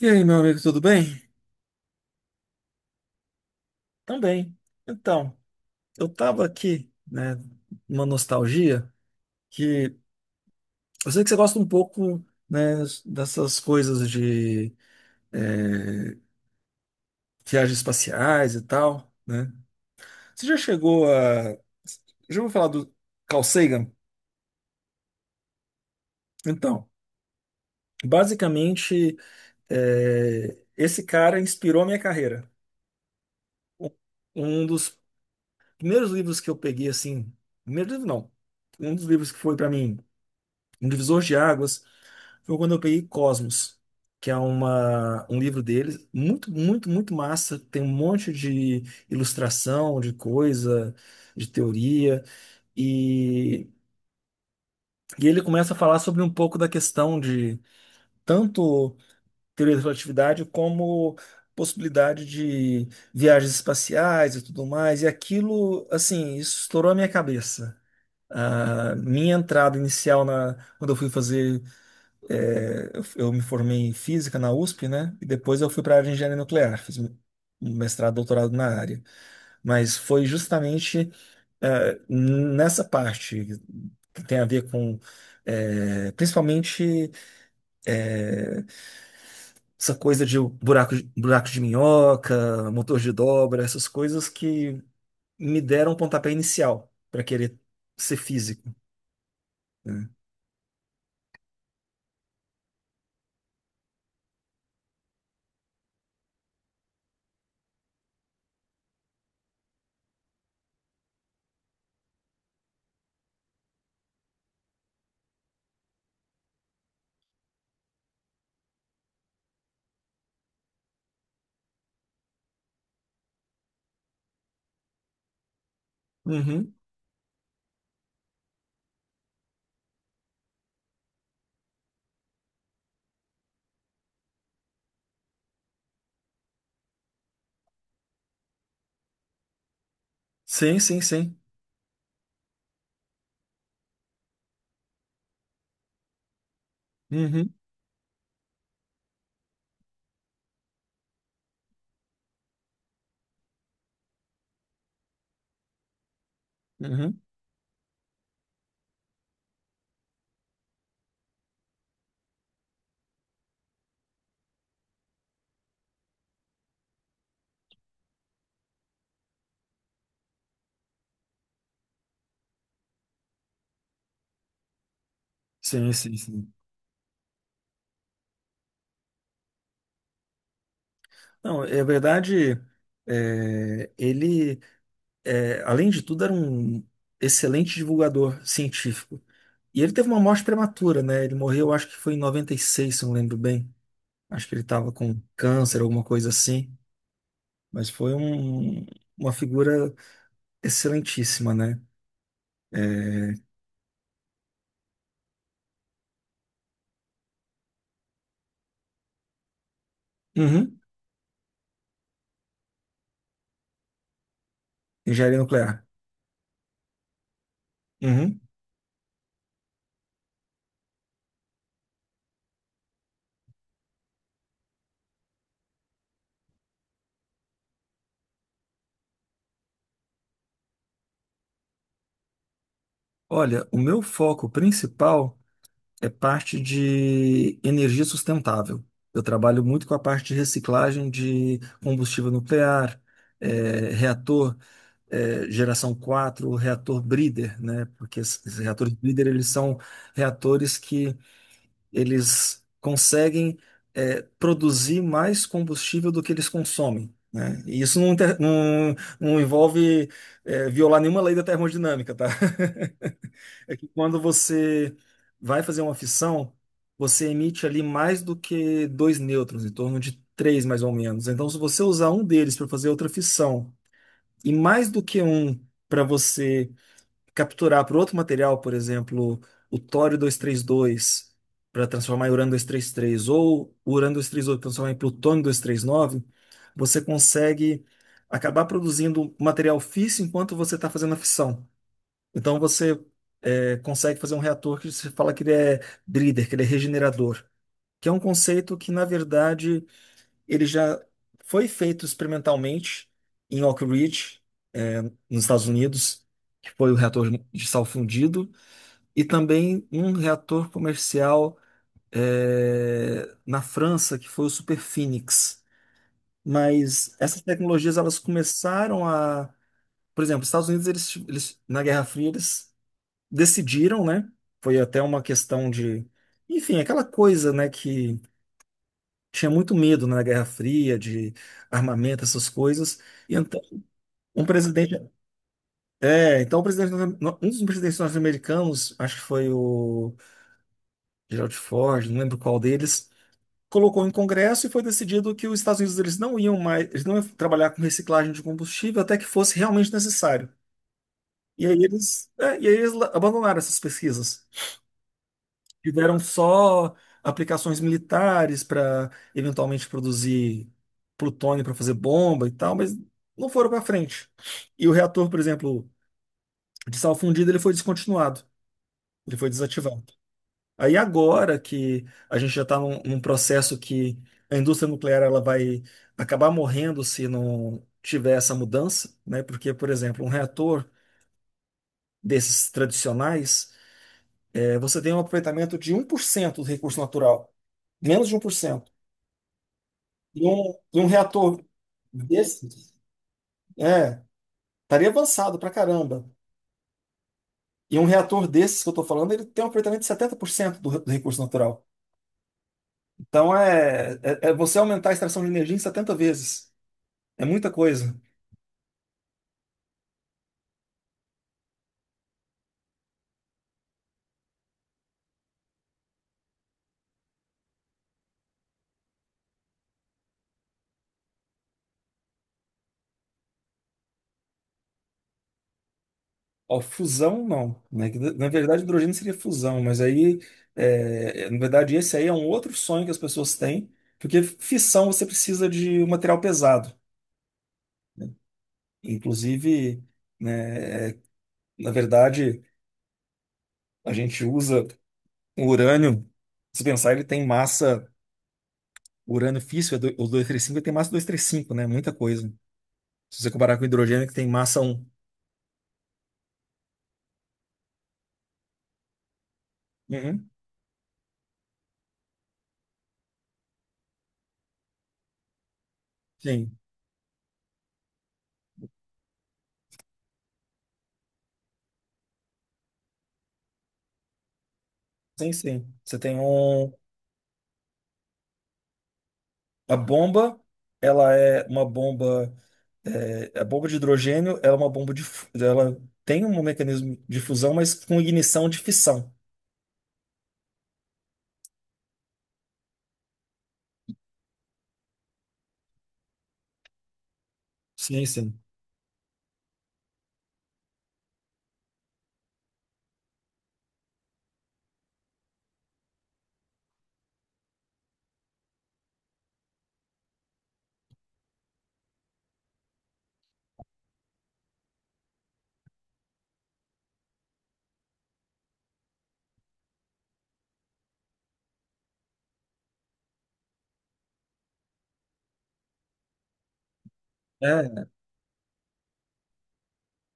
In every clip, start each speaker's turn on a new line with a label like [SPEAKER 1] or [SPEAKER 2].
[SPEAKER 1] E aí, meu amigo, tudo bem? Também. Então, eu tava aqui, né, numa nostalgia que eu sei que você gosta um pouco, né, dessas coisas de é, viagens espaciais e tal, né? Você já chegou a... Já ouviu falar do Carl Sagan? Então, basicamente, é, esse cara inspirou a minha carreira. Um um dos primeiros livros que eu peguei, assim, primeiro livro não, um dos livros que foi para mim um divisor de águas foi quando eu peguei Cosmos, que é um livro dele, muito, muito, muito massa. Tem um monte de ilustração, de coisa, de teoria. E, e ele começa a falar sobre um pouco da questão de tanto teoria da relatividade como possibilidade de viagens espaciais e tudo mais. E aquilo, assim, isso estourou a minha cabeça. A minha entrada inicial na, quando eu fui fazer É, eu me formei em física na USP, né? E depois eu fui para a área de engenharia nuclear, fiz um mestrado, doutorado na área. Mas foi justamente nessa parte que tem a ver com, principalmente essa coisa de buraco de minhoca, motor de dobra, essas coisas que me deram um pontapé inicial para querer ser físico, né? Uhum. Sim, sim, sim. Uhum. Uhum. Sim, sim, sim. Não, é verdade, é, ele, é, além de tudo, era um excelente divulgador científico. E ele teve uma morte prematura, né? Ele morreu, acho que foi em 96, se eu não lembro bem. Acho que ele estava com câncer, alguma coisa assim. Mas foi um- uma figura excelentíssima, né? Uhum. Engenharia nuclear. Uhum. Olha, o meu foco principal. É parte de energia sustentável. Eu trabalho muito com a parte de reciclagem de combustível nuclear, reator, geração 4, reator breeder, né? Porque esses reatores breeder, eles são reatores que eles conseguem, produzir mais combustível do que eles consomem. Né? E não envolve violar nenhuma lei da termodinâmica, tá? É que quando você vai fazer uma fissão, você emite ali mais do que dois nêutrons, em torno de três mais ou menos. Então, se você usar um deles para fazer outra fissão e mais do que um para você capturar para outro material, por exemplo, o tório 232 para transformar em urânio 233 ou o urânio 238 para transformar em plutônio 239, você consegue acabar produzindo material físsil enquanto você está fazendo a fissão. Então você consegue fazer um reator que você fala que ele é breeder, que ele é regenerador, que é um conceito que, na verdade, ele já foi feito experimentalmente em Oak Ridge, é, nos Estados Unidos, que foi o reator de sal fundido, e também um reator comercial é, na França, que foi o Super Phoenix. Mas essas tecnologias por exemplo, os Estados Unidos eles na Guerra Fria eles decidiram, né? Foi até uma questão de, enfim, aquela coisa, né, que tinha muito medo né, na Guerra Fria de armamento, essas coisas. E então, um presidente, é, então o presidente, um dos presidentes norte-americanos, acho que foi o Gerald Ford, não lembro qual deles, colocou em Congresso e foi decidido que os Estados Unidos eles não iam trabalhar com reciclagem de combustível até que fosse realmente necessário. E aí e aí abandonaram essas pesquisas. Tiveram só aplicações militares para eventualmente produzir plutônio para fazer bomba e tal, mas não foram para frente. E o reator, por exemplo, de sal fundido, ele foi descontinuado, ele foi desativado. Aí agora que a gente já está num processo que a indústria nuclear ela vai acabar morrendo se não tiver essa mudança, né? Porque, por exemplo, um reator desses tradicionais, você tem um aproveitamento de 1% do recurso natural, menos de 1%. E um reator desses, é, estaria avançado pra caramba. E um reator desses que eu tô falando, ele tem um aproveitamento de 70% do recurso natural. Então é você aumentar a extração de energia em 70 vezes. É muita coisa. Ó, fusão, não. Né? Que Na na verdade, hidrogênio seria fusão, mas aí, é, na verdade, esse aí é um outro sonho que as pessoas têm, porque fissão você precisa de um material pesado. Inclusive, né, é, na verdade, a gente usa. O urânio, se pensar, ele tem massa. O urânio físsil, o 235, ele tem massa 235, né? Muita coisa. Se você comparar com o hidrogênio, que tem massa um. Uhum. Sim, sim, sim. Você tem um. A bomba, ela é uma bomba. A bomba de hidrogênio, ela é uma bomba de. Fu- Ela tem um mecanismo de fusão, mas com ignição de fissão. Sim, sim. É,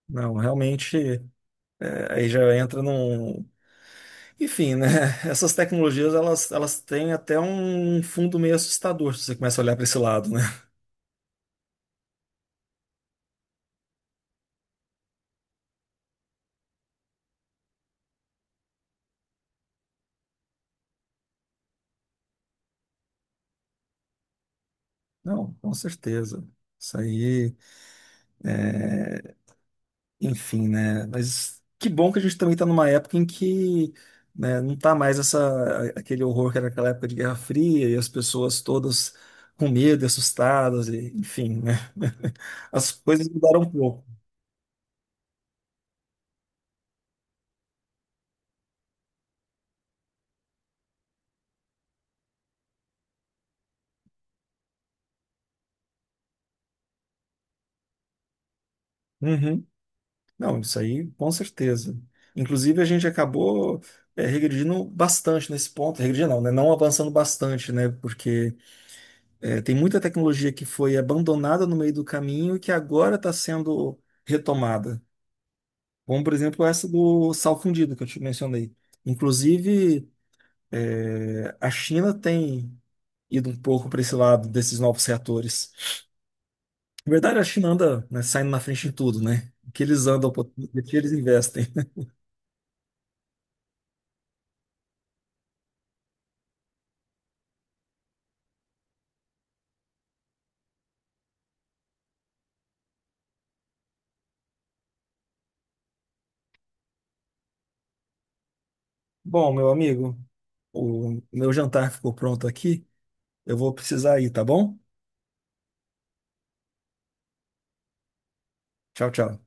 [SPEAKER 1] não, realmente. É, aí já entra num. Enfim, né? Essas tecnologias, elas têm até um fundo meio assustador, se você começa a olhar para esse lado, né? Não, com certeza. Isso aí, enfim, né? Mas que bom que a gente também está numa época em que, né, não tá mais essa, aquele horror que era aquela época de Guerra Fria e as pessoas todas com medo, e assustadas, e, enfim, né? As coisas mudaram um pouco. Uhum. Não, isso aí com certeza. Inclusive, a gente acabou regredindo bastante nesse ponto. Regredindo não, né? Não avançando bastante, né? Porque é, tem muita tecnologia que foi abandonada no meio do caminho e que agora está sendo retomada. Como, por exemplo, essa do sal fundido que eu te mencionei. Inclusive, é, a China tem ido um pouco para esse lado desses novos reatores. Na verdade, a China anda, né, saindo na frente em tudo, né? O que eles andam, o que eles investem. Bom, meu amigo, o meu jantar ficou pronto aqui. Eu vou precisar ir, tá bom? Tchau, tchau.